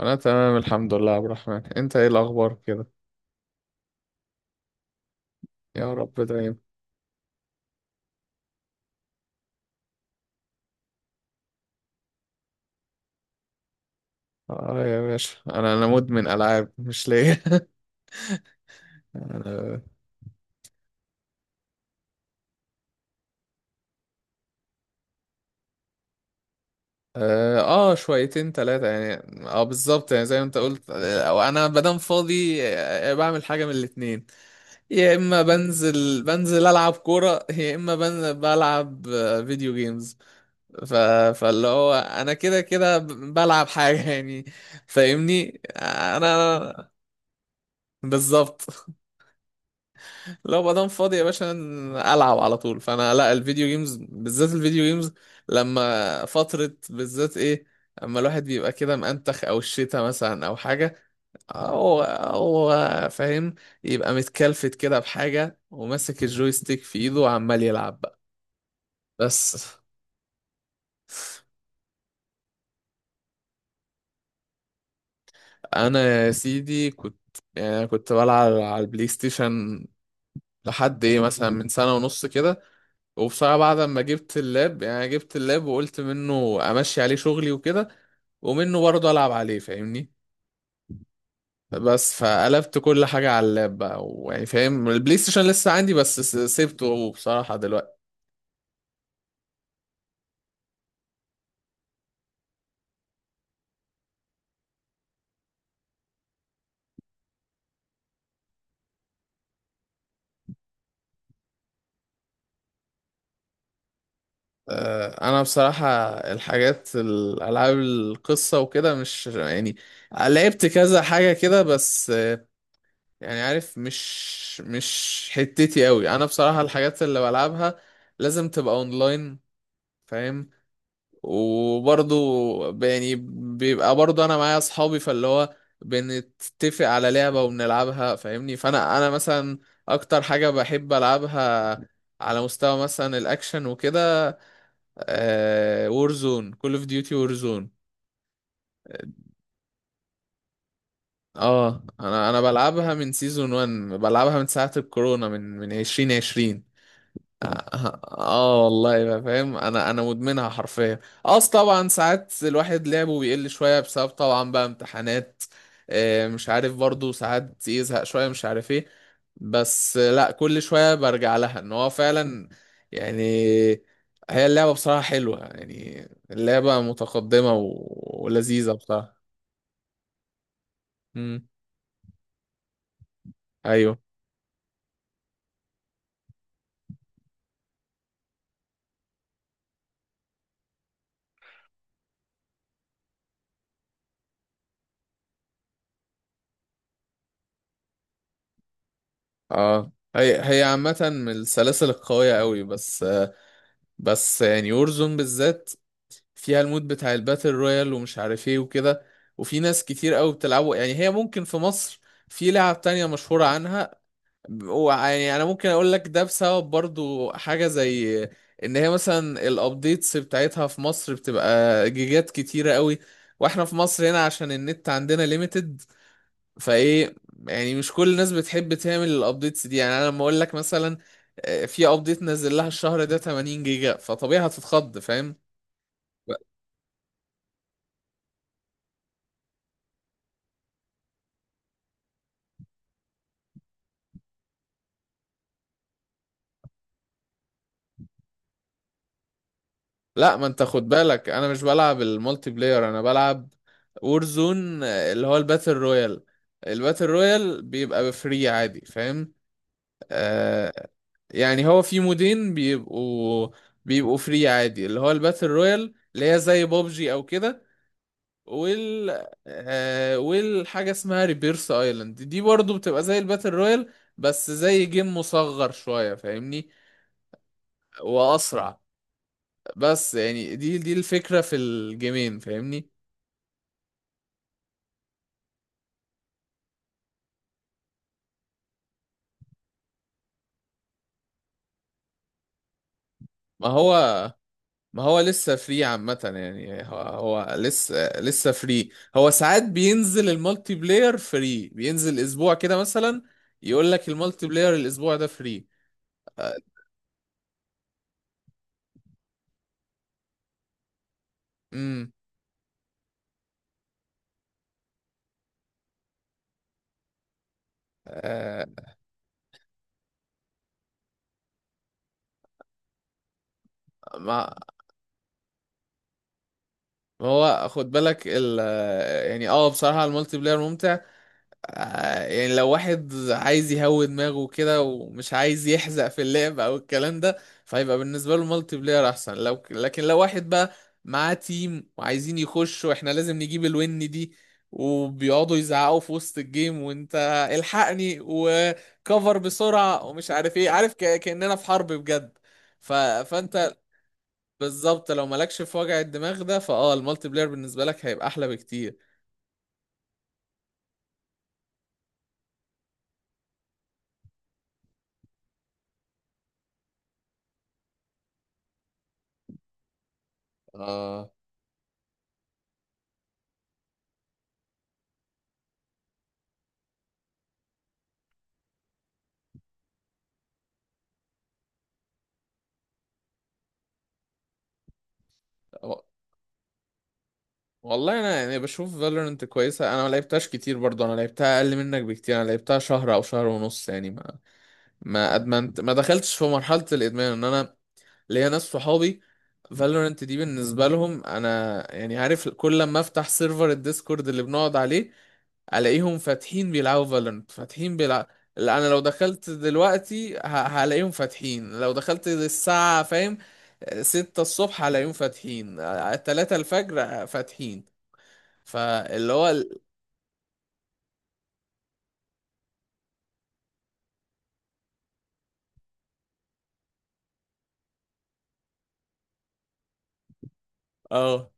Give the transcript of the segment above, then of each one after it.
انا تمام الحمد لله يا عبد الرحمن، انت ايه الاخبار كده؟ يا رب دايما. اه يا باشا، انا مدمن العاب مش ليا. انا اه شويتين ثلاثه يعني. اه بالظبط، يعني زي ما انت قلت، او انا مادام فاضي بعمل حاجه من الاتنين. يا اما بنزل العب كوره، يا اما بنزل بلعب فيديو جيمز. ف... فاللي هو انا كده كده بلعب حاجه يعني، فاهمني انا. بالظبط. لو بقى دام فاضي يا باشا العب على طول، فانا لا، الفيديو جيمز بالذات الفيديو جيمز لما فترة بالذات ايه، اما الواحد بيبقى كده مأنتخ او الشتا مثلا او حاجة. او او فاهم، يبقى متكلفت كده بحاجة وماسك الجويستيك في ايده وعمال يلعب بقى. بس. انا يا سيدي كنت، يعني كنت بلعب على البلاي ستيشن لحد ايه مثلا من سنة ونص كده. وبصراحة بعد ما جبت اللاب، يعني أنا جبت اللاب وقلت منه امشي عليه شغلي وكده ومنه برضه العب عليه فاهمني. بس فقلبت كل حاجة على اللاب بقى. ويعني فاهم، البلاي ستيشن لسه عندي، بس سيبته بصراحة دلوقتي. انا بصراحة الحاجات الالعاب القصة وكده مش يعني، لعبت كذا حاجة كده بس يعني عارف مش حتتي قوي. انا بصراحة الحاجات اللي بلعبها لازم تبقى اونلاين، فاهم. وبرضو يعني بيبقى برضو انا معايا اصحابي، فاللي هو بنتفق على لعبة وبنلعبها فاهمني. فانا انا مثلا اكتر حاجة بحب العبها على مستوى مثلا الاكشن وكده، آه وورزون، كول اوف ديوتي وورزون. اه انا بلعبها من سيزون 1، بلعبها من ساعة الكورونا، من من 2020. اه آه والله بقى فاهم، انا مدمنها حرفيا. اص طبعا ساعات الواحد لعبه بيقل شويه بسبب طبعا بقى امتحانات، مش عارف، برضو ساعات يزهق شويه مش عارف ايه. بس لا، كل شويه برجع لها، ان هو فعلا يعني هي اللعبه بصراحه حلوه يعني، اللعبه متقدمه ولذيذه بصراحه. امم ايوه. اه هي هي عامه من السلاسل القويه قوي، بس يعني وورزون بالذات فيها المود بتاع الباتل رويال ومش عارف ايه وكده، وفي ناس كتير قوي بتلعبه. يعني هي ممكن في مصر في لعب تانية مشهورة عنها، ويعني انا ممكن اقول لك ده بسبب برضو حاجة زي ان هي مثلا الابديتس بتاعتها في مصر بتبقى جيجات كتيرة قوي، واحنا في مصر هنا عشان النت عندنا ليميتد فايه، يعني مش كل الناس بتحب تعمل الابديتس دي. يعني انا لما اقول لك مثلا في ابديت نزل لها الشهر ده 80 جيجا، فطبيعي هتتخض فاهم. لا ما انت خد بالك، انا مش بلعب المالتي بلاير، انا بلعب وورزون اللي هو الباتل رويال. الباتل رويال بيبقى بفري عادي فاهم. آه، يعني هو في مودين بيبقوا فري عادي، اللي هو الباتل رويال اللي هي زي بابجي او كده. وال آه، والحاجة اسمها ريبيرس ايلاند دي برضو بتبقى زي الباتل رويال بس زي جيم مصغر شوية فاهمني، واسرع. بس يعني دي الفكرة في الجيمين فاهمني. ما هو ما هو لسه فري عامة، يعني هو لسه فري. هو ساعات بينزل المالتي بلاير فري، بينزل اسبوع كده مثلا، يقول لك المالتي بلاير الاسبوع ده فري. امم. آه. ما ما هو خد بالك ال، يعني اه بصراحة المالتي بلاير ممتع. يعني لو واحد عايز يهوي دماغه كده ومش عايز يحزق في اللعب او الكلام ده، فهيبقى بالنسبه له مالتي بلاير احسن. لكن لو واحد بقى معاه تيم وعايزين يخشوا احنا لازم نجيب الون دي، وبيقعدوا يزعقوا في وسط الجيم وانت الحقني وكفر بسرعه ومش عارف ايه، عارف كاننا في حرب بجد. فانت بالظبط لو مالكش في وجع الدماغ ده فاه، المالتي بلاير بالنسبه لك هيبقى احلى بكتير. آه والله انا يعني بشوف فالورنت كويسه، انا ما لعبتهاش كتير برضه، انا لعبتها اقل منك بكتير، انا لعبتها شهر او شهر ونص يعني. ما ادمنت، ما دخلتش في مرحله الادمان. ان انا ليا ناس صحابي فالورنت دي بالنسبه لهم انا يعني عارف، كل لما افتح سيرفر الديسكورد اللي بنقعد عليه الاقيهم فاتحين بيلعبوا فالورنت، فاتحين بيلعبوا. انا لو دخلت دلوقتي هلاقيهم فاتحين. لو دخلت الساعة فاهم ستة الصبح هلاقيهم فاتحين، تلاتة الفجر فاتحين. فاللي هو اه.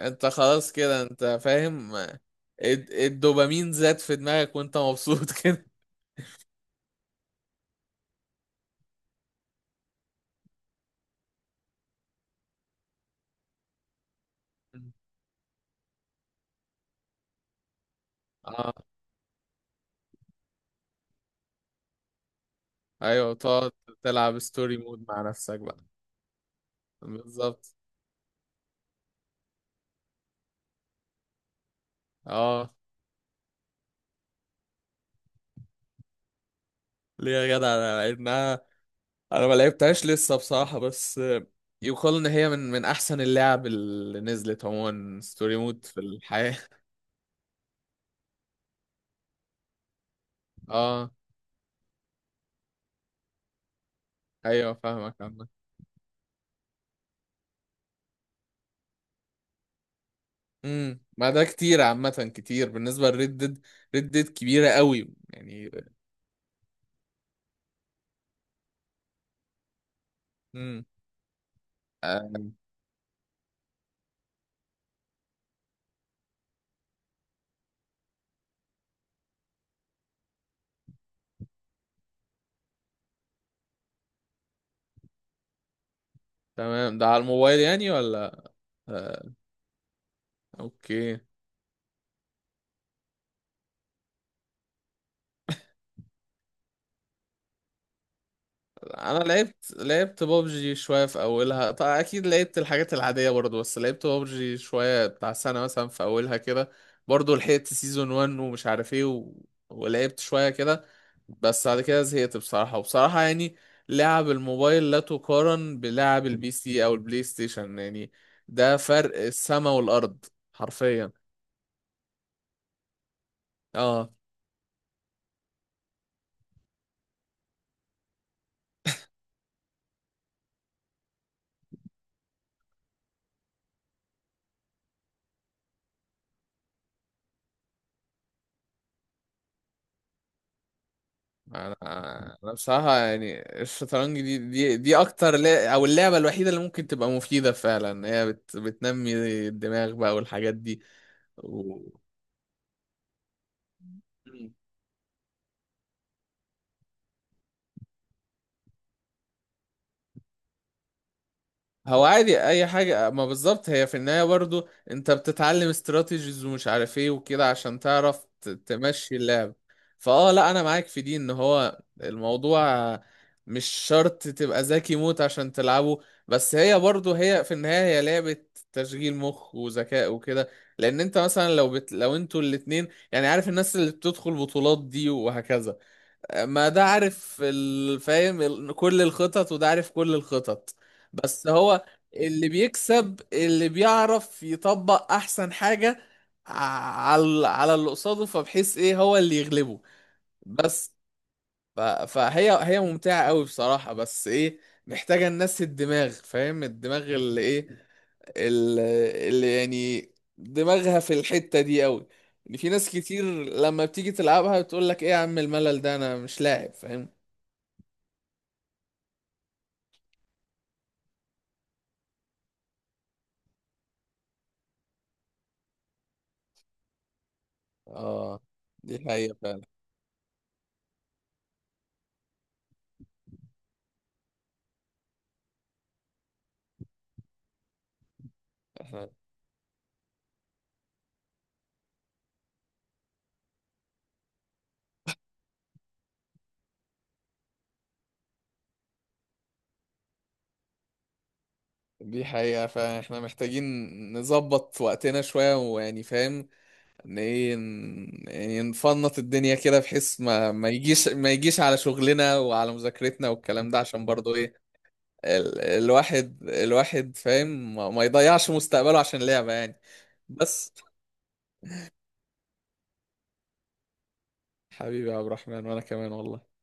انت خلاص كده انت فاهم، الدوبامين زاد في دماغك وانت مبسوط كده. اه. ايوه، تقعد تلعب ستوري مود مع نفسك بقى. بالظبط. اه ليه يا جدع، انا لعبناها، انا ما لعبتهاش لسه بصراحة، بس يقال ان هي من من احسن اللعب اللي نزلت عموما ستوري مود في الحياة. اه ايوه فاهمك عامة. امم، ما ده كتير عامة، كتير بالنسبة لريد ديد، ريد ديد كبيرة قوي يعني. امم. آه، تمام، ده على الموبايل يعني ولا؟ آه. اوكي. انا لعبت بابجي شويه في اولها، طبعا اكيد لعبت الحاجات العاديه برضو، بس لعبت بابجي شويه بتاع سنه مثلا في اولها كده، برضو لحقت سيزون 1 ومش عارف ايه ولعبت شويه كده، بس بعد كده زهقت بصراحه. وبصراحه يعني لعب الموبايل لا تقارن بلعب البي سي او البلاي ستيشن يعني، ده فرق السما والارض حرفيا. اه انا بصراحه يعني الشطرنج دي دي اكتر لا او اللعبه الوحيده اللي ممكن تبقى مفيده فعلا. هي بتنمي الدماغ بقى والحاجات دي و... هو عادي اي حاجة. ما بالظبط، هي في النهاية برضو انت بتتعلم استراتيجيز ومش عارف ايه وكده عشان تعرف تمشي اللعب. فاه لا، انا معاك في دي، ان هو الموضوع مش شرط تبقى ذكي موت عشان تلعبه، بس هي برضو هي في النهاية هي لعبة تشغيل مخ وذكاء وكده. لان انت مثلا لو لو انتوا الاتنين يعني عارف، الناس اللي بتدخل بطولات دي وهكذا، ما ده عارف فاهم كل الخطط، وده عارف كل الخطط، بس هو اللي بيكسب اللي بيعرف يطبق احسن حاجة ع- على اللي قصاده فبحيث ايه هو اللي يغلبه. بس فهي هي ممتعة قوي بصراحة، بس ايه، محتاجة الناس الدماغ فاهم، الدماغ اللي ايه، ال- اللي يعني دماغها في الحتة دي قوي. في ناس كتير لما بتيجي تلعبها بتقول لك ايه يا عم الملل ده، انا مش لاعب فاهم. اه. دي حقيقة فعلا احنا دي حقيقة فعلا احنا محتاجين نظبط وقتنا شوية، ويعني فاهم ان ايه، يعني نفنط الدنيا كده بحيث ما يجيش، ما يجيش على شغلنا وعلى مذاكرتنا والكلام ده، عشان برضه ايه، الواحد فاهم ما يضيعش مستقبله عشان لعبة يعني. بس. حبيبي يا عبد الرحمن وانا كمان والله.